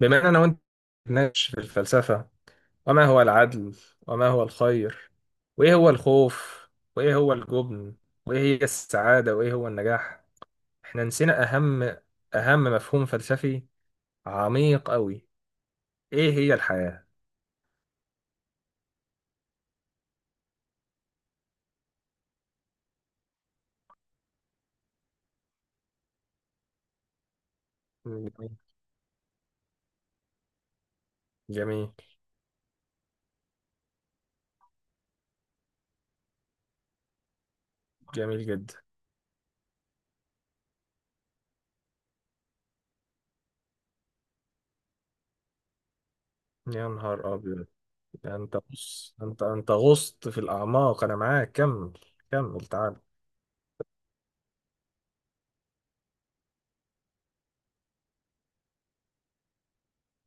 بما أننا وأنت نتناقش في الفلسفة، وما هو العدل، وما هو الخير، وإيه هو الخوف، وإيه هو الجبن، وإيه هي السعادة، وإيه هو النجاح. إحنا نسينا أهم مفهوم فلسفي عميق أوي: إيه هي الحياة؟ جميل. جميل. جميل جدا. يا نهار أبيض! ده أنت، بص، أنت غصت في الأعماق. أنا معاك. كمل كمل، تعال.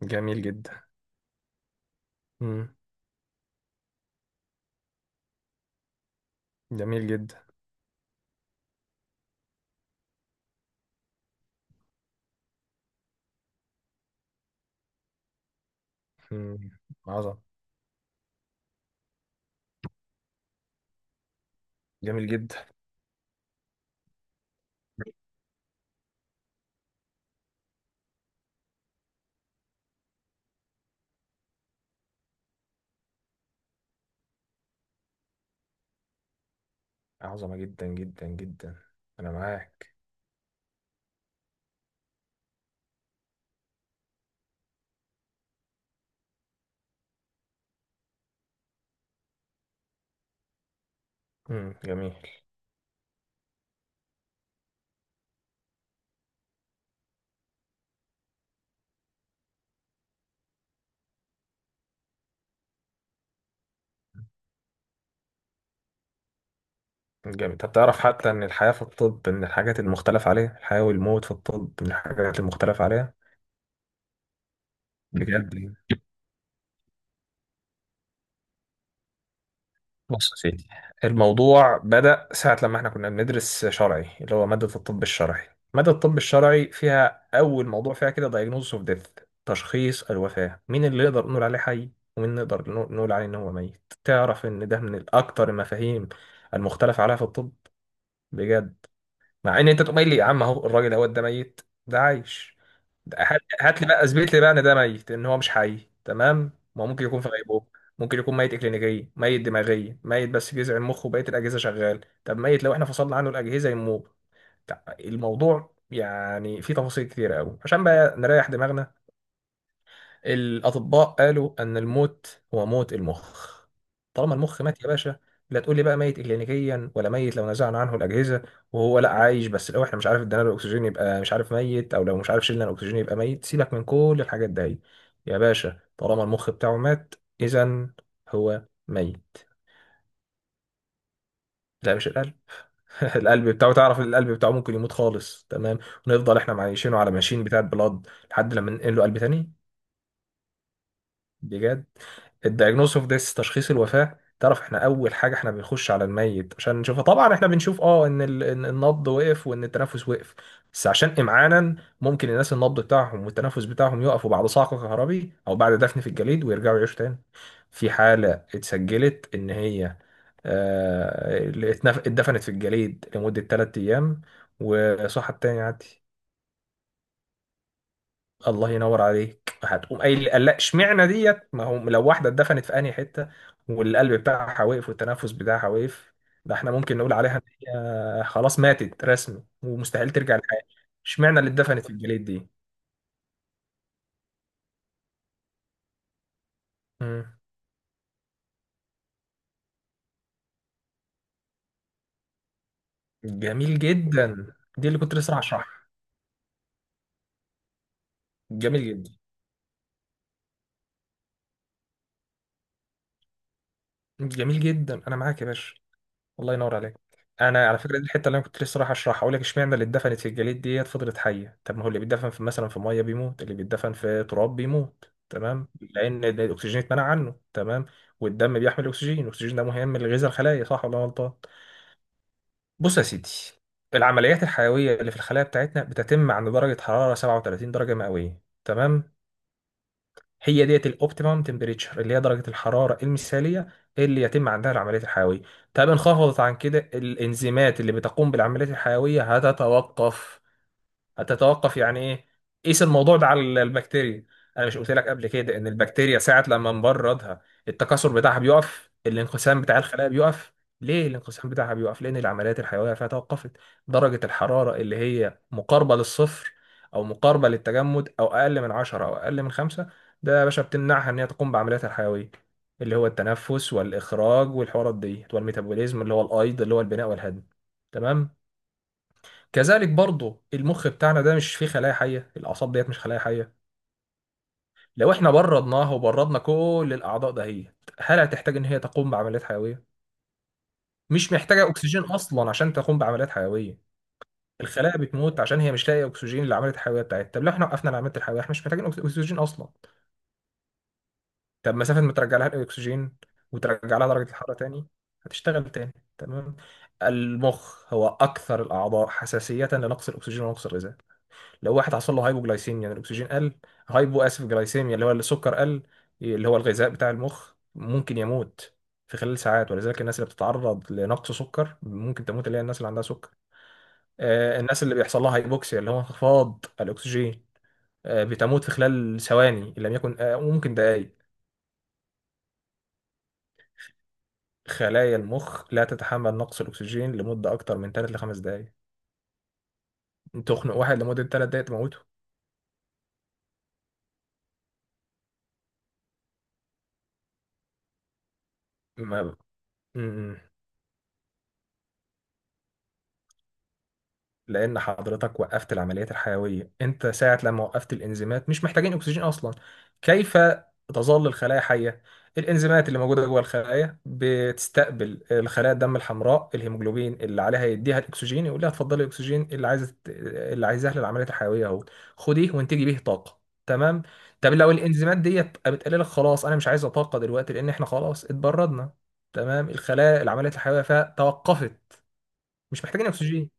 جميل جدا. مم. جميل جدا. مم. عظم. جميل جدا. عظمة جدا جدا جدا. أنا معاك. مم. جميل. جميل. طب تعرف حتى إن الحياة في الطب من الحاجات المختلف عليها؟ الحياة والموت في الطب من الحاجات المختلف عليها. بجد. بص يا سيدي، الموضوع بدأ ساعة لما احنا كنا بندرس شرعي، اللي هو مادة الطب الشرعي. مادة الطب الشرعي فيها أول موضوع فيها كده diagnosis of death، تشخيص الوفاة. مين اللي نقدر نقول عليه حي ومين نقدر نقول عليه إن هو ميت؟ تعرف إن ده من الأكتر المفاهيم المختلف عليها في الطب؟ بجد. مع ان انت تقوم قايل لي: يا عم اهو، الراجل اهو ده ميت، ده عايش. ده، هات هات لي بقى، اثبت لي بقى ان ده ميت، ان هو مش حي. تمام، ما هو ممكن يكون في غيبوبه، ممكن يكون ميت اكلينيكيا، ميت دماغيا، ميت بس جذع المخ وبقيه الاجهزه شغال. طب ميت لو احنا فصلنا عنه الاجهزه يموت. الموضوع يعني فيه تفاصيل كتيره قوي. عشان بقى نريح دماغنا، الأطباء قالوا أن الموت هو موت المخ. طالما المخ مات يا باشا، لا تقول لي بقى ميت إكلينيكيا ولا ميت لو نزعنا عنه الأجهزة، وهو لا عايش بس لو احنا مش عارف ادينا له الأكسجين يبقى مش عارف ميت، أو لو مش عارف شلنا الأكسجين يبقى ميت. سيبك من كل الحاجات دي. يا باشا، طالما المخ بتاعه مات، إذا هو ميت. لا، مش القلب. القلب بتاعه، تعرف القلب بتاعه ممكن يموت خالص؟ تمام. ونفضل احنا معايشينه على ماشين بتاعة بلاد لحد لما ننقل له قلب تاني. بجد. الدايجنوز اوف ديث، تشخيص الوفاه. تعرف احنا اول حاجه احنا بنخش على الميت عشان نشوفه؟ طبعا احنا بنشوف إن النبض وقف وان التنفس وقف. بس عشان امعانا، ممكن الناس النبض بتاعهم والتنفس بتاعهم يقفوا بعد صعق كهربي او بعد دفن في الجليد، ويرجعوا يعيشوا تاني. في حاله اتسجلت ان هي اللي اتدفنت في الجليد لمده 3 ايام وصحت تاني عادي. الله ينور عليك. هتقوم قايل لي: لا، اشمعنى ديت؟ ما هو لو واحده اتدفنت في انهي حته، والقلب بتاعها واقف والتنفس بتاعها واقف، ده احنا ممكن نقول عليها ان هي خلاص ماتت رسمي ومستحيل ترجع للحياه. اشمعنى اللي اتدفنت في الجليد دي؟ مم. جميل جدا. دي اللي كنت لسه هشرحها. جميل جدا. جميل جدا. انا معاك يا باشا. الله ينور عليك. انا على فكره دي الحته اللي انا كنت لسه رايح اشرحها، اقول لك اشمعنى اللي اتدفنت في الجليد ديت فضلت حيه؟ طب ما هو اللي بيتدفن في مثلا في ميه بيموت، اللي بيتدفن في تراب بيموت، تمام؟ لان الاكسجين اتمنع عنه. تمام. والدم بيحمل الاكسجين، الاكسجين ده مهم لغذاء الخلايا، صح ولا أنا غلطان؟ بص يا سيدي، العمليات الحيويه اللي في الخلايا بتاعتنا بتتم عند درجه حراره 37 درجه مئويه، تمام. هي ديت الاوبتيمم تمبريتشر، اللي هي درجه الحراره المثاليه اللي يتم عندها العمليات الحيويه. طب انخفضت عن كده، الانزيمات اللي بتقوم بالعمليات الحيويه هتتوقف. هتتوقف يعني ايه؟ قيس الموضوع ده على البكتيريا. انا مش قلت لك قبل كده ان البكتيريا ساعه لما نبردها التكاثر بتاعها بيقف، الانقسام بتاع الخلايا بيقف؟ ليه الانقسام بتاعها بيقف؟ لان العمليات الحيويه فيها توقفت. درجه الحراره اللي هي مقاربه للصفر، او مقاربه للتجمد، او اقل من 10، او اقل من 5، ده يا باشا بتمنعها ان هي تقوم بعملياتها الحيويه، اللي هو التنفس والاخراج والحوارات ديت والميتابوليزم اللي هو الايض، اللي هو البناء والهضم. تمام. كذلك برضه، المخ بتاعنا ده مش فيه خلايا حيه، الاعصاب ديت مش خلايا حيه. لو احنا بردناها وبردنا كل الاعضاء دهيت، هل هتحتاج ان هي تقوم بعمليات حيويه؟ مش محتاجه اكسجين اصلا عشان تقوم بعمليات حيويه. الخلايا بتموت عشان هي مش لاقيه اكسجين للعمليات الحيويه بتاعتها. طب لو احنا وقفنا العمليات الحيويه، احنا مش محتاجين اكسجين اصلا. طب مسافه ما ترجع لها الاكسجين وترجع لها درجه الحراره تاني، هتشتغل تاني. تمام. المخ هو اكثر الاعضاء حساسيه لنقص الاكسجين ونقص الغذاء. لو واحد حصل له هايبوجلايسيميا، يعني الاكسجين قل، هايبو اسف جلايسيميا، اللي هو السكر قل، اللي هو الغذاء بتاع المخ، ممكن يموت في خلال ساعات. ولذلك الناس اللي بتتعرض لنقص سكر ممكن تموت، اللي هي الناس اللي عندها سكر. الناس اللي بيحصل لها هايبوكسيا، اللي هو انخفاض الاكسجين، بتموت في خلال ثواني ان لم يكن وممكن دقائق. خلايا المخ لا تتحمل نقص الاكسجين لمده اكتر من 3 ل 5 دقائق. تخنق واحد لمده 3 دقائق تموته. ما... م- م. لان حضرتك وقفت العمليات الحيويه، انت ساعه لما وقفت الانزيمات مش محتاجين اكسجين اصلا. كيف تظل الخلايا حيه؟ الانزيمات اللي موجوده جوه الخلايا بتستقبل الخلايا الدم الحمراء الهيموجلوبين اللي عليها، يديها الاكسجين، يقول لها اتفضلي الاكسجين اللي عايزه، اللي عايزاه للعمليات الحيويه اهو، خديه وانتجي بيه طاقه. تمام. طب لو الانزيمات ديت بتقول لك: خلاص انا مش عايزه طاقه دلوقتي، لان احنا خلاص اتبردنا. تمام، الخلايا العمليات الحيويه فيها توقفت، مش محتاجين اكسجين.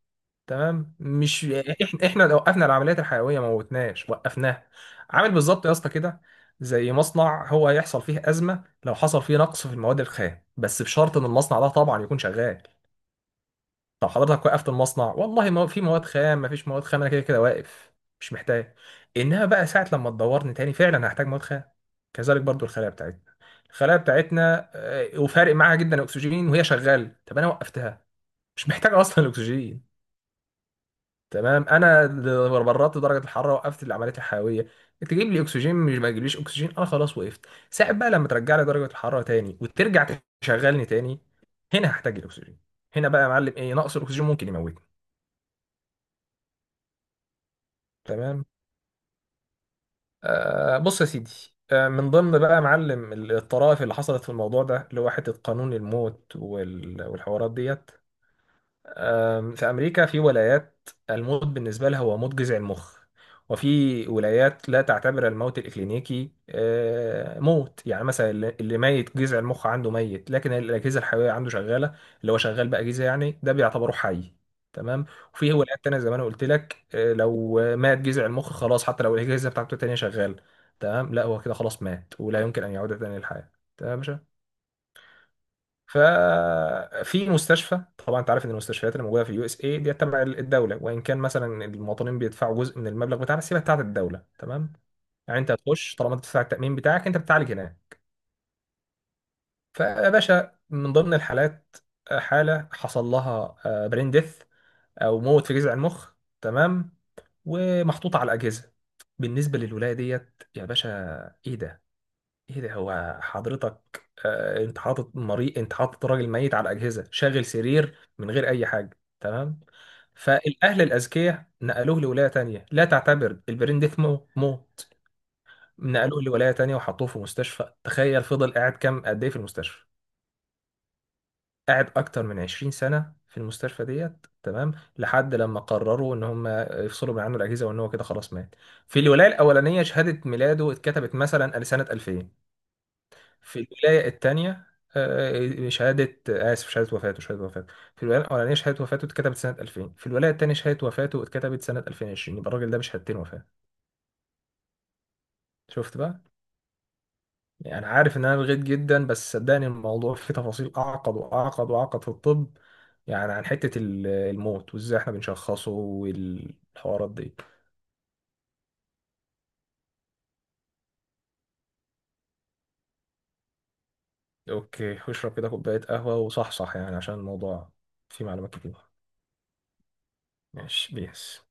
تمام، مش احنا، احنا لو وقفنا العمليات الحيويه ما موتناش، وقفناها. عامل بالظبط يا اسطى كده، زي مصنع، هو هيحصل فيه ازمه لو حصل فيه نقص في المواد الخام، بس بشرط ان المصنع ده طبعا يكون شغال. لو حضرتك وقفت المصنع، والله ما في مواد خام، ما فيش مواد خام، انا كده كده واقف، مش محتاج. انها بقى ساعه لما تدورني تاني، فعلا هحتاج مواد خام. كذلك برضو الخلايا بتاعتنا، الخلايا بتاعتنا وفارق معاها جدا الاكسجين وهي شغاله. طب انا وقفتها، مش محتاج اصلا الاكسجين. تمام، انا اللي برطت درجه الحراره وقفت اللي عمليه الحيويه. تجيب لي اكسجين، مش ما تجيبليش اكسجين، انا خلاص وقفت. ساعة بقى لما ترجع لي درجه الحراره تاني وترجع تشغلني تاني، هنا هحتاج الاكسجين. هنا بقى يا معلم ايه نقص الاكسجين ممكن يموتني. تمام. بص يا سيدي، من ضمن بقى يا معلم الطرائف اللي حصلت في الموضوع ده، اللي هو حته قانون الموت والحوارات ديت. في أمريكا في ولايات الموت بالنسبة لها هو موت جذع المخ. وفي ولايات لا تعتبر الموت الإكلينيكي موت. يعني مثلا اللي ميت جذع المخ عنده، ميت لكن الأجهزة الحيوية عنده شغالة، اللي هو شغال بقى أجهزة، يعني ده بيعتبره حي. تمام. وفي ولايات تانية زي ما أنا قلت لك، لو مات جذع المخ خلاص حتى لو الأجهزة بتاعته التانية شغالة. تمام، لا، هو كده خلاص مات ولا يمكن أن يعود تاني للحياة. تمام يا باشا. ففي مستشفى، طبعا انت عارف ان المستشفيات اللي موجوده في اليو اس اي دي تبع الدوله، وان كان مثلا المواطنين بيدفعوا جزء من المبلغ بتاعها، بس هي بتاعت الدوله. تمام. يعني انت هتخش، طالما انت بتدفع التامين بتاعك انت بتعالج هناك. فيا باشا، من ضمن الحالات حاله حصل لها برين ديث، او موت في جذع المخ. تمام. ومحطوطه على الاجهزه. بالنسبه للولايه ديت يا باشا، ايه ده؟ ايه ده؟ هو حضرتك انت حاطط مريض، انت حاطط راجل ميت على اجهزه، شاغل سرير من غير اي حاجه. تمام. فالاهل الاذكياء نقلوه لولايه تانية لا تعتبر البرين ديث مو موت. نقلوه لولايه تانية وحطوه في مستشفى. تخيل فضل قاعد كام قد ايه في المستشفى؟ قاعد اكتر من 20 سنه في المستشفى ديت. تمام. لحد لما قرروا ان هم يفصلوا من عنه الاجهزه وان هو كده خلاص مات. في الولايه الاولانيه شهاده ميلاده اتكتبت مثلا لسنه 2000. في الولاية التانية شهادة آسف شهادة وفاته، شهادة وفاته في الولاية الأولانية شهادة وفاته اتكتبت سنة 2000، في الولاية التانية شهادة وفاته اتكتبت سنة 2020. يبقى الراجل ده بشهادتين وفاة. شفت بقى؟ يعني عارف إن أنا لغيت جدا بس صدقني الموضوع فيه تفاصيل أعقد وأعقد وأعقد في الطب. يعني عن حتة الموت وإزاي إحنا بنشخصه والحوارات دي. أوكي، واشرب كده كوباية قهوة وصحصح يعني، عشان الموضوع فيه معلومات كتير. ماشي بيس.